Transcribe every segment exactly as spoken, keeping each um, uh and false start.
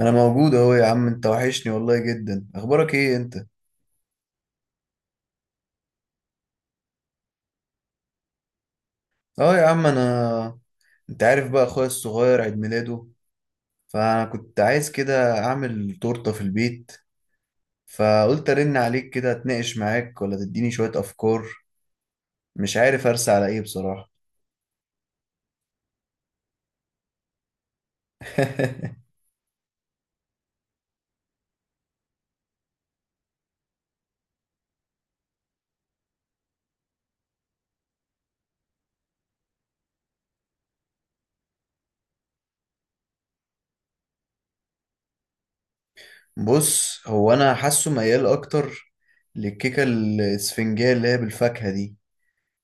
انا موجود اهو، يا عم، انت وحشني والله جدا. اخبارك ايه انت؟ اه، يا عم، انا انت عارف بقى اخويا الصغير عيد ميلاده، فانا كنت عايز كده اعمل تورته في البيت، فقلت ارن عليك كده اتناقش معاك ولا تديني شويه افكار. مش عارف ارسى على ايه بصراحه. بص، هو انا حاسه ميال اكتر للكيكه الاسفنجيه اللي هي بالفاكهه دي،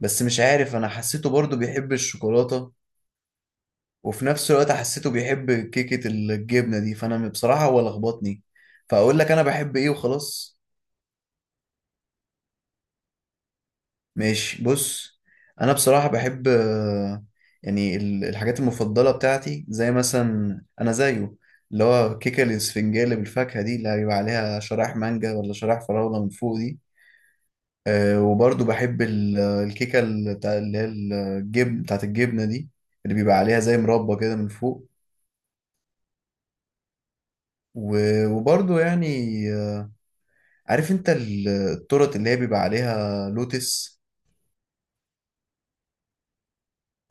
بس مش عارف، انا حسيته برضو بيحب الشوكولاته، وفي نفس الوقت حسيته بيحب كيكة الجبنة دي. فأنا بصراحة هو لخبطني، فأقول لك أنا بحب إيه وخلاص. ماشي، بص. أنا بصراحة بحب، آه، يعني ال- الحاجات المفضلة بتاعتي زي مثلا أنا زيه، اللي هو كيكة الإسفنجية بالفاكهة دي اللي هيبقى عليها شرايح مانجا ولا شرايح فراولة من فوق دي. آه، وبرضه بحب ال- الكيكة ال- بتاع اللي هي الجبن بتاعت الجبنة دي، اللي بيبقى عليها زي مربى كده من فوق. و- وبرضه يعني، عارف انت ال- التورت اللي هي بيبقى عليها لوتس؟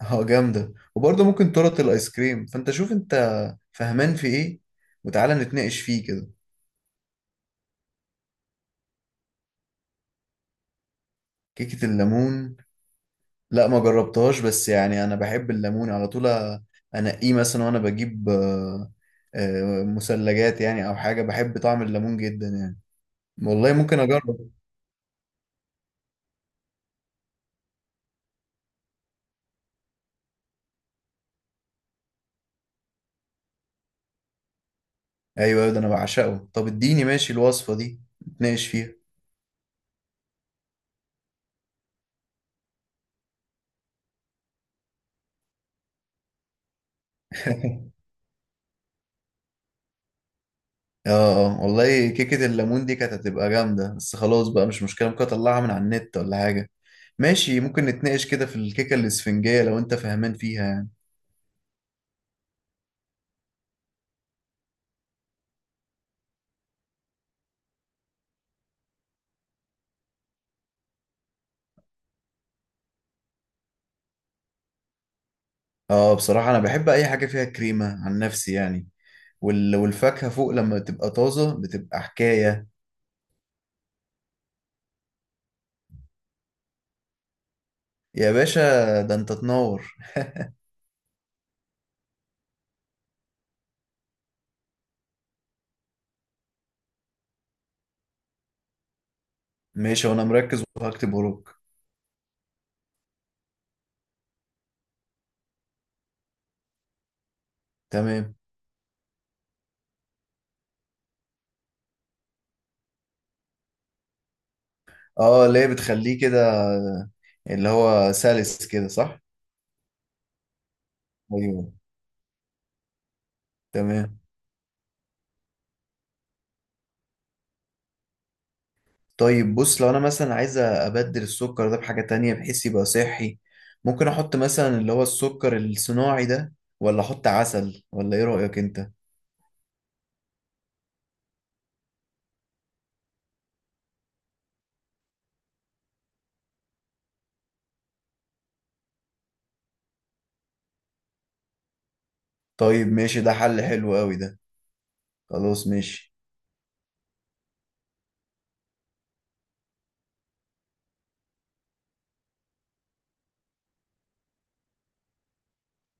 اه، جامدة. وبرضه ممكن تورت الايس كريم. فانت شوف انت فهمان في ايه، وتعالى نتناقش فيه كده. كيكة الليمون؟ لا، ما جربتهاش، بس يعني انا بحب الليمون على طول. انقيه مثلا، وانا بجيب آه، آه، مثلجات يعني او حاجة. بحب طعم الليمون جدا يعني. والله ممكن اجرب. ايوه، ده انا بعشقه. طب اديني، ماشي، الوصفة دي، نتناقش فيها. اه، اه والله، كيكة الليمون دي كانت هتبقى جامدة. بس خلاص بقى، مش مشكلة، ممكن اطلعها من على النت ولا حاجة. ماشي، ممكن نتناقش كده في الكيكة الاسفنجية لو انت فاهمان فيها يعني. اه، بصراحة انا بحب اي حاجة فيها كريمة عن نفسي يعني. وال... والفاكهة فوق لما تبقى طازة بتبقى حكاية. يا باشا، ده انت تنور. ماشي، وانا مركز وهكتب وراك. تمام. اه، اللي هي بتخليه كده، اللي هو سلس كده، صح؟ ايوه. تمام. طيب، بص، لو انا مثلا عايز ابدل السكر ده بحاجة تانية بحيث يبقى صحي، ممكن احط مثلا اللي هو السكر الصناعي ده، ولا احط عسل، ولا ايه رأيك انت؟ طيب، ماشي، ده حل حلو قوي ده. خلاص، ماشي.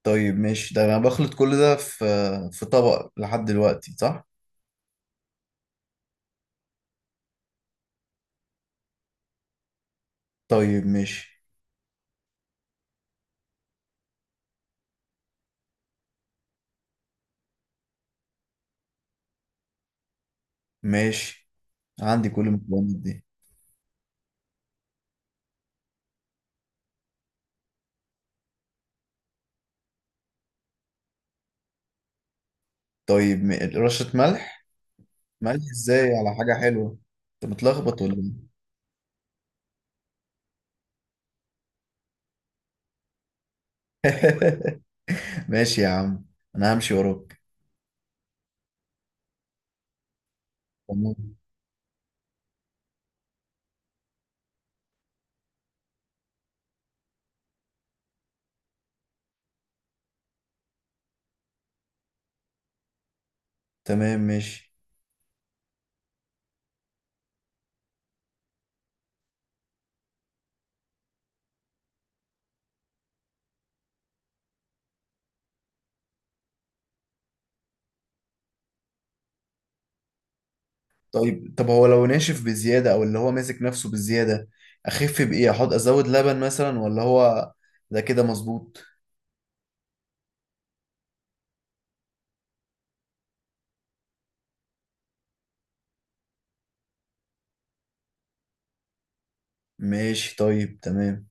طيب، ماشي، ده انا بخلط كل ده في في طبق لحد دلوقتي، صح؟ طيب، ماشي، ماشي، عندي كل المكونات دي. طيب، م- رشة ملح؟ ملح ازاي على حاجة حلوة؟ انت متلخبط ولا ايه؟ ماشي يا عم، انا همشي وراك. تمام. تمام، ماشي. طيب، طب هو لو ناشف بزيادة او اللي هو ماسك نفسه بزيادة، اخف بايه؟ احط ازود لبن مثلا، ولا هو ده كده مظبوط؟ ماشي، طيب، تمام.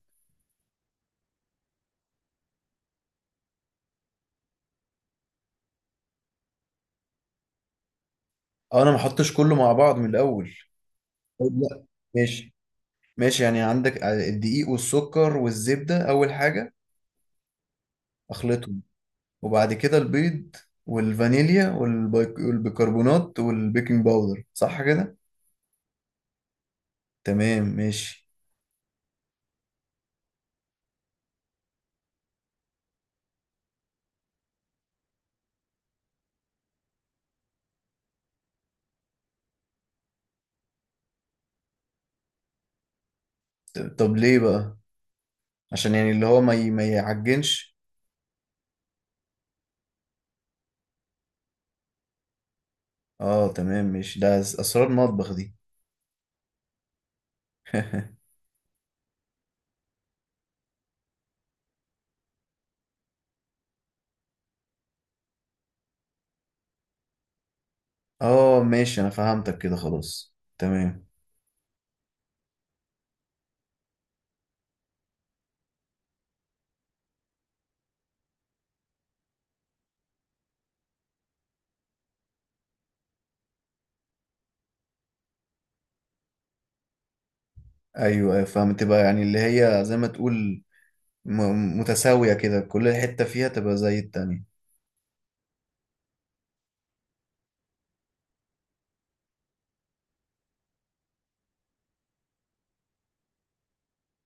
اه، انا ما احطش كله مع بعض من الاول؟ طيب، لا، ماشي. ماشي، يعني عندك الدقيق والسكر والزبدة اول حاجة، اخلطهم، وبعد كده البيض والفانيليا والبيك- والبيكربونات والبيكنج باودر، صح كده؟ تمام، ماشي. ط- طب ليه بقى؟ عشان يعني اللي هو ما ي- ما يعجنش؟ اه، تمام، ماشي، ده أس- اسرار مطبخ دي. اه، ماشي، انا فهمتك كده. خلاص، تمام. ايوه، ايوه، فهمت بقى. يعني اللي هي زي ما تقول، م- متساوية كده، كل حتة فيها تبقى زي التانية.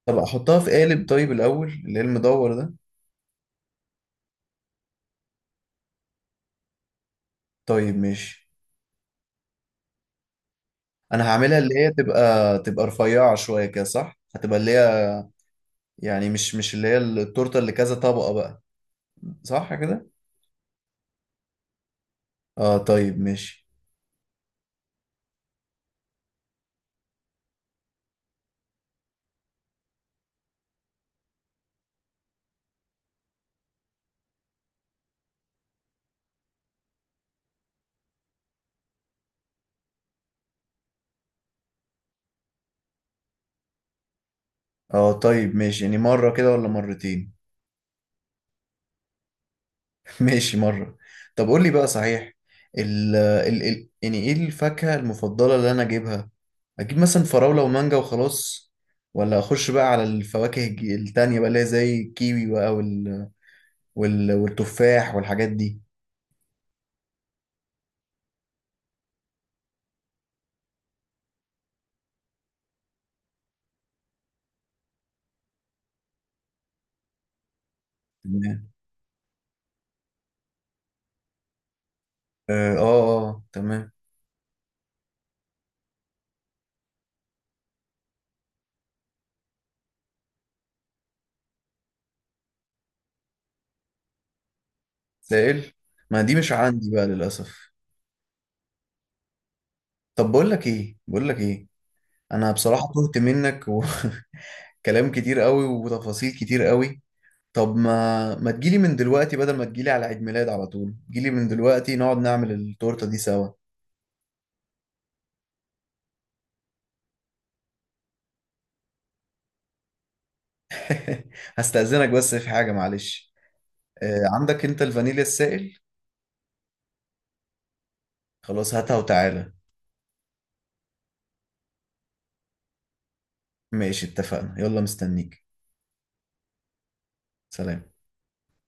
طب احطها في قالب طيب الاول، اللي هي المدور ده؟ طيب، ماشي، انا هعملها اللي هي تبقى تبقى رفيعة شوية كده، صح؟ هتبقى اللي هي، يعني مش مش اللي هي التورتة اللي كذا طبقة بقى، صح كده؟ اه، طيب، ماشي. اه، طيب، ماشي، يعني مرة كده ولا مرتين؟ ماشي، مرة. طب قول لي بقى صحيح، ال ال ال يعني ايه الفاكهة المفضلة اللي انا اجيبها؟ اجيب مثلا فراولة ومانجا وخلاص، ولا اخش بقى على الفواكه الج- التانية بقى اللي هي زي الكيوي بقى، وال وال والتفاح والحاجات دي؟ تمام. اه، اه، آه، تمام. سائل؟ ما دي مش عندي بقى للأسف. طب بقول لك ايه بقول لك ايه انا بصراحة تهت منك. وكلام كتير قوي وتفاصيل كتير قوي. طب ما ما تجيلي من دلوقتي، بدل ما تجيلي على عيد ميلاد على طول، جيلي من دلوقتي نقعد نعمل التورتة دي سوا. هستأذنك بس في حاجة، معلش. آه، عندك انت الفانيليا السائل؟ خلاص، هاتها وتعالى. ماشي، اتفقنا، يلا، مستنيك. سلام.